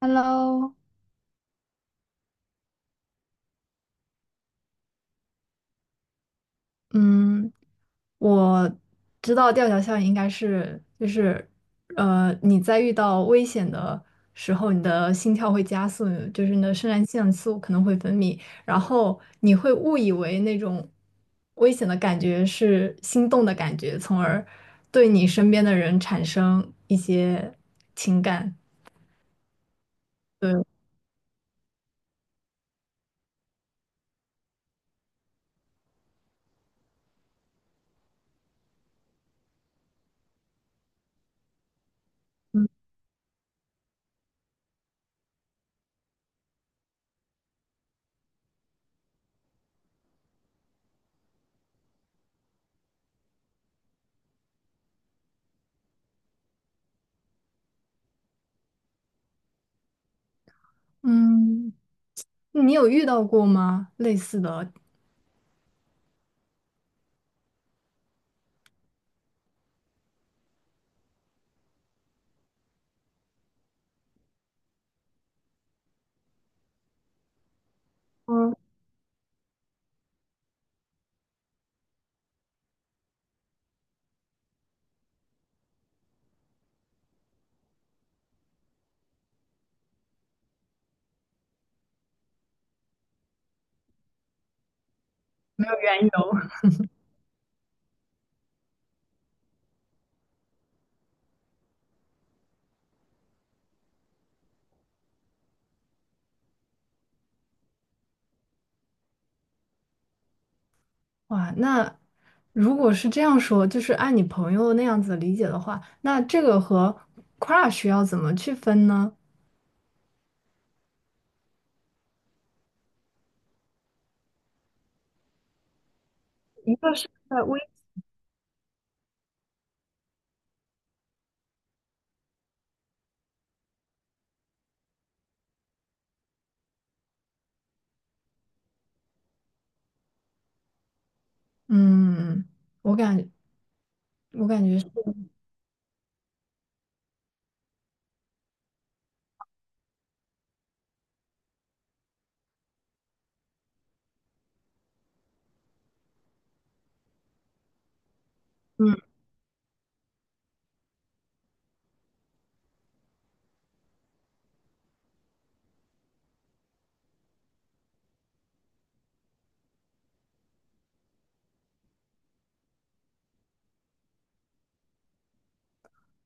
Hello，嗯，我知道吊桥效应应该是就是，你在遇到危险的时候，你的心跳会加速，就是你的肾上腺素可能会分泌，然后你会误以为那种危险的感觉是心动的感觉，从而对你身边的人产生一些情感。对，嗯，嗯，你有遇到过吗？类似的？嗯，没有缘由。哇，那如果是这样说，就是按你朋友那样子理解的话，那这个和 crush 要怎么去分呢？一个是在微，嗯，我感我感觉是，嗯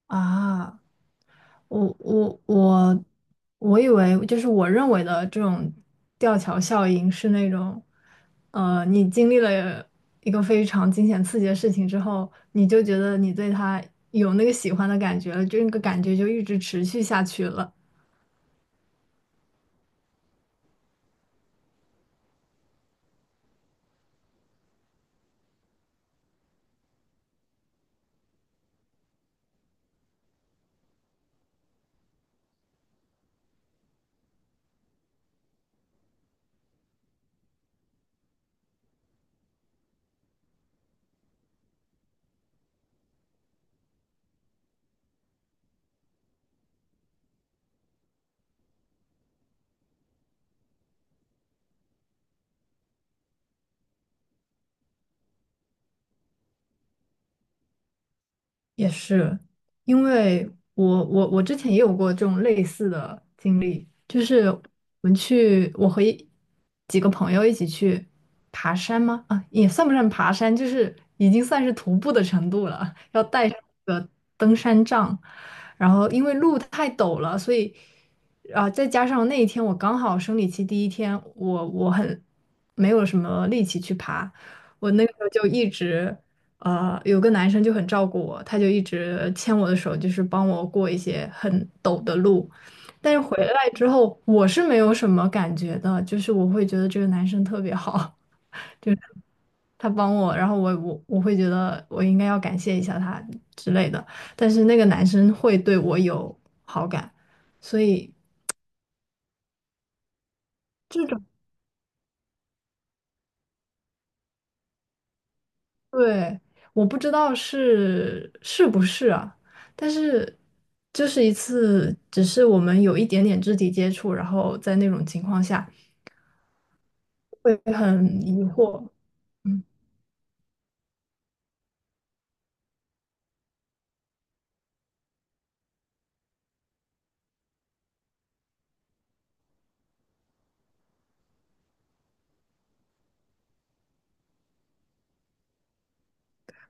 啊，我我我我以为就是我认为的这种吊桥效应是那种，你经历了一个非常惊险刺激的事情之后，你就觉得你对他有那个喜欢的感觉了，就那个感觉就一直持续下去了。也是，因为我之前也有过这种类似的经历，就是我们去，我和几个朋友一起去爬山吗？啊，也算不上爬山，就是已经算是徒步的程度了，要带上那个登山杖，然后因为路太陡了，所以啊，再加上那一天我刚好生理期第一天，我很没有什么力气去爬。我那个时候就一直有个男生就很照顾我，他就一直牵我的手，就是帮我过一些很陡的路。但是回来之后，我是没有什么感觉的，就是我会觉得这个男生特别好，就是他帮我，然后我会觉得我应该要感谢一下他之类的。但是那个男生会对我有好感，所以。这种。对，我不知道是不是啊，但是就是一次，只是我们有一点点肢体接触，然后在那种情况下会很疑惑，嗯，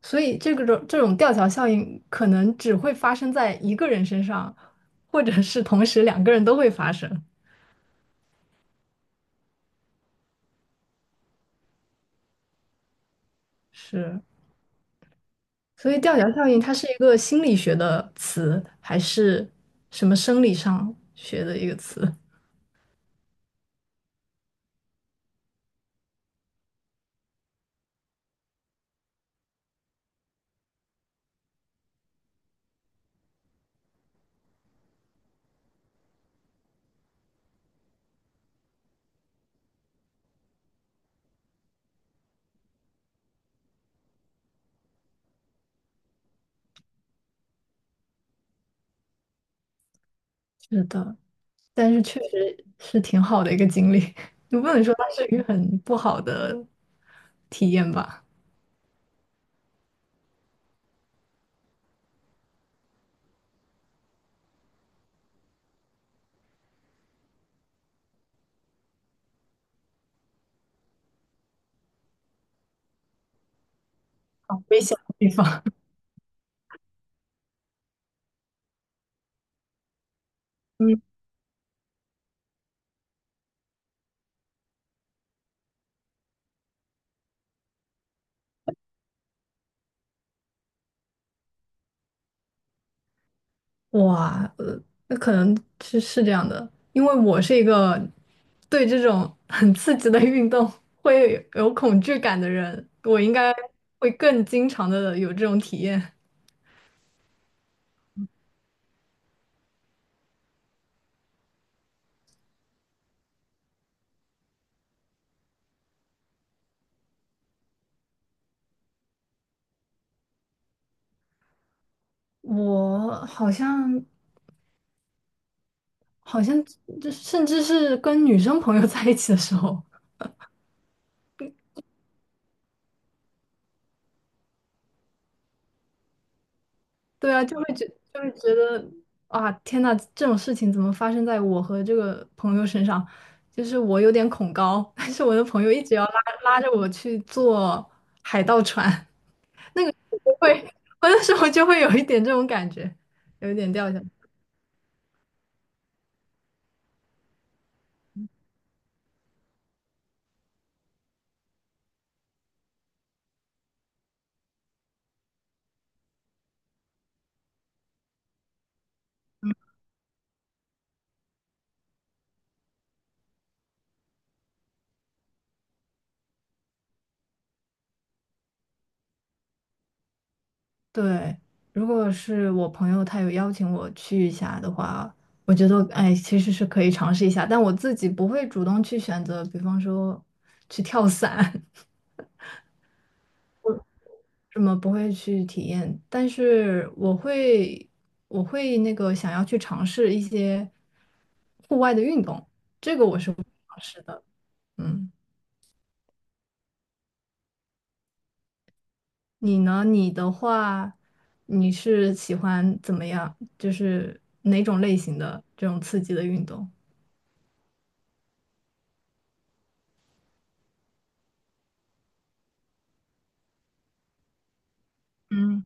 所以这个种这种吊桥效应可能只会发生在一个人身上，或者是同时两个人都会发生，是，所以吊桥效应它是一个心理学的词，还是什么生理上学的一个词？是的。但是确实是挺好的一个经历，你不能说它是一个很不好的体验吧？啊，危险的地方，嗯，哇，那可能是这样的，因为我是一个对这种 很刺激的运动会有恐惧感的人，我应该会更经常的有这种体验。我好像，这甚至是跟女生朋友在一起的时候。对啊，就会觉得啊，天呐，这种事情怎么发生在我和这个朋友身上？就是我有点恐高，但是我的朋友一直要拉着我去坐海盗船，我会，我那时候就会有一点这种感觉，有一点掉下来。对，如果是我朋友他有邀请我去一下的话，我觉得哎，其实是可以尝试一下，但我自己不会主动去选择，比方说去跳伞。什么不会去体验，但是我会那个想要去尝试一些户外的运动，这个我是会尝试的。嗯，你呢？你的话，你是喜欢怎么样？就是哪种类型的这种刺激的运动？嗯。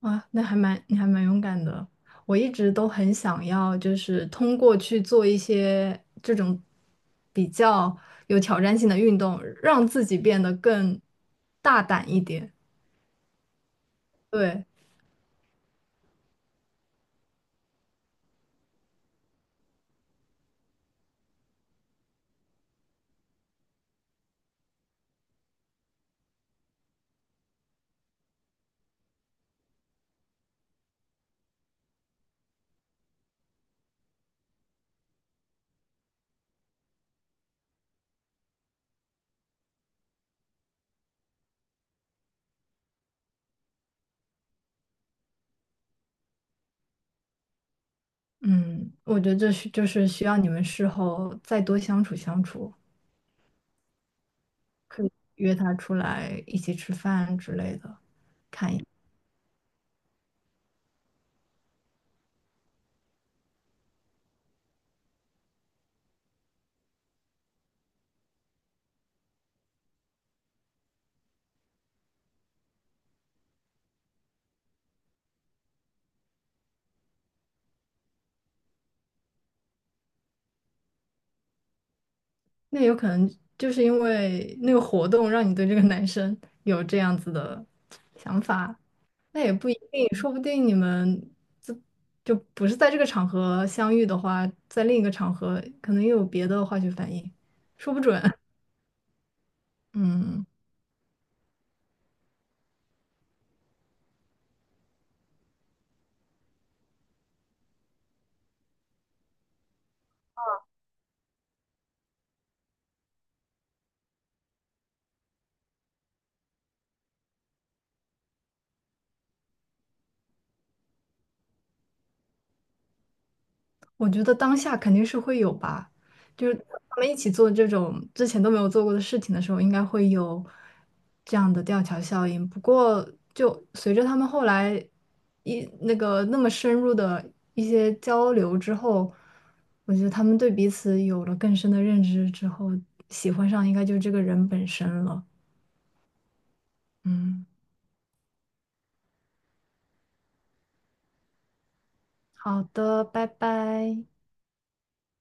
啊，那还蛮，你还蛮勇敢的。我一直都很想要，就是通过去做一些这种比较有挑战性的运动，让自己变得更大胆一点。对，嗯，我觉得这是就是需要你们事后再多相处相处，可以约他出来一起吃饭之类的。那有可能就是因为那个活动让你对这个男生有这样子的想法。那也不一定，说不定你们就就不是在这个场合相遇的话，在另一个场合可能又有别的化学反应，说不准。嗯，我觉得当下肯定是会有吧，就是他们一起做这种之前都没有做过的事情的时候，应该会有这样的吊桥效应。不过，就随着他们后来一那个那么深入的一些交流之后，我觉得他们对彼此有了更深的认知之后，喜欢上应该就是这个人本身了。嗯，好的，拜拜。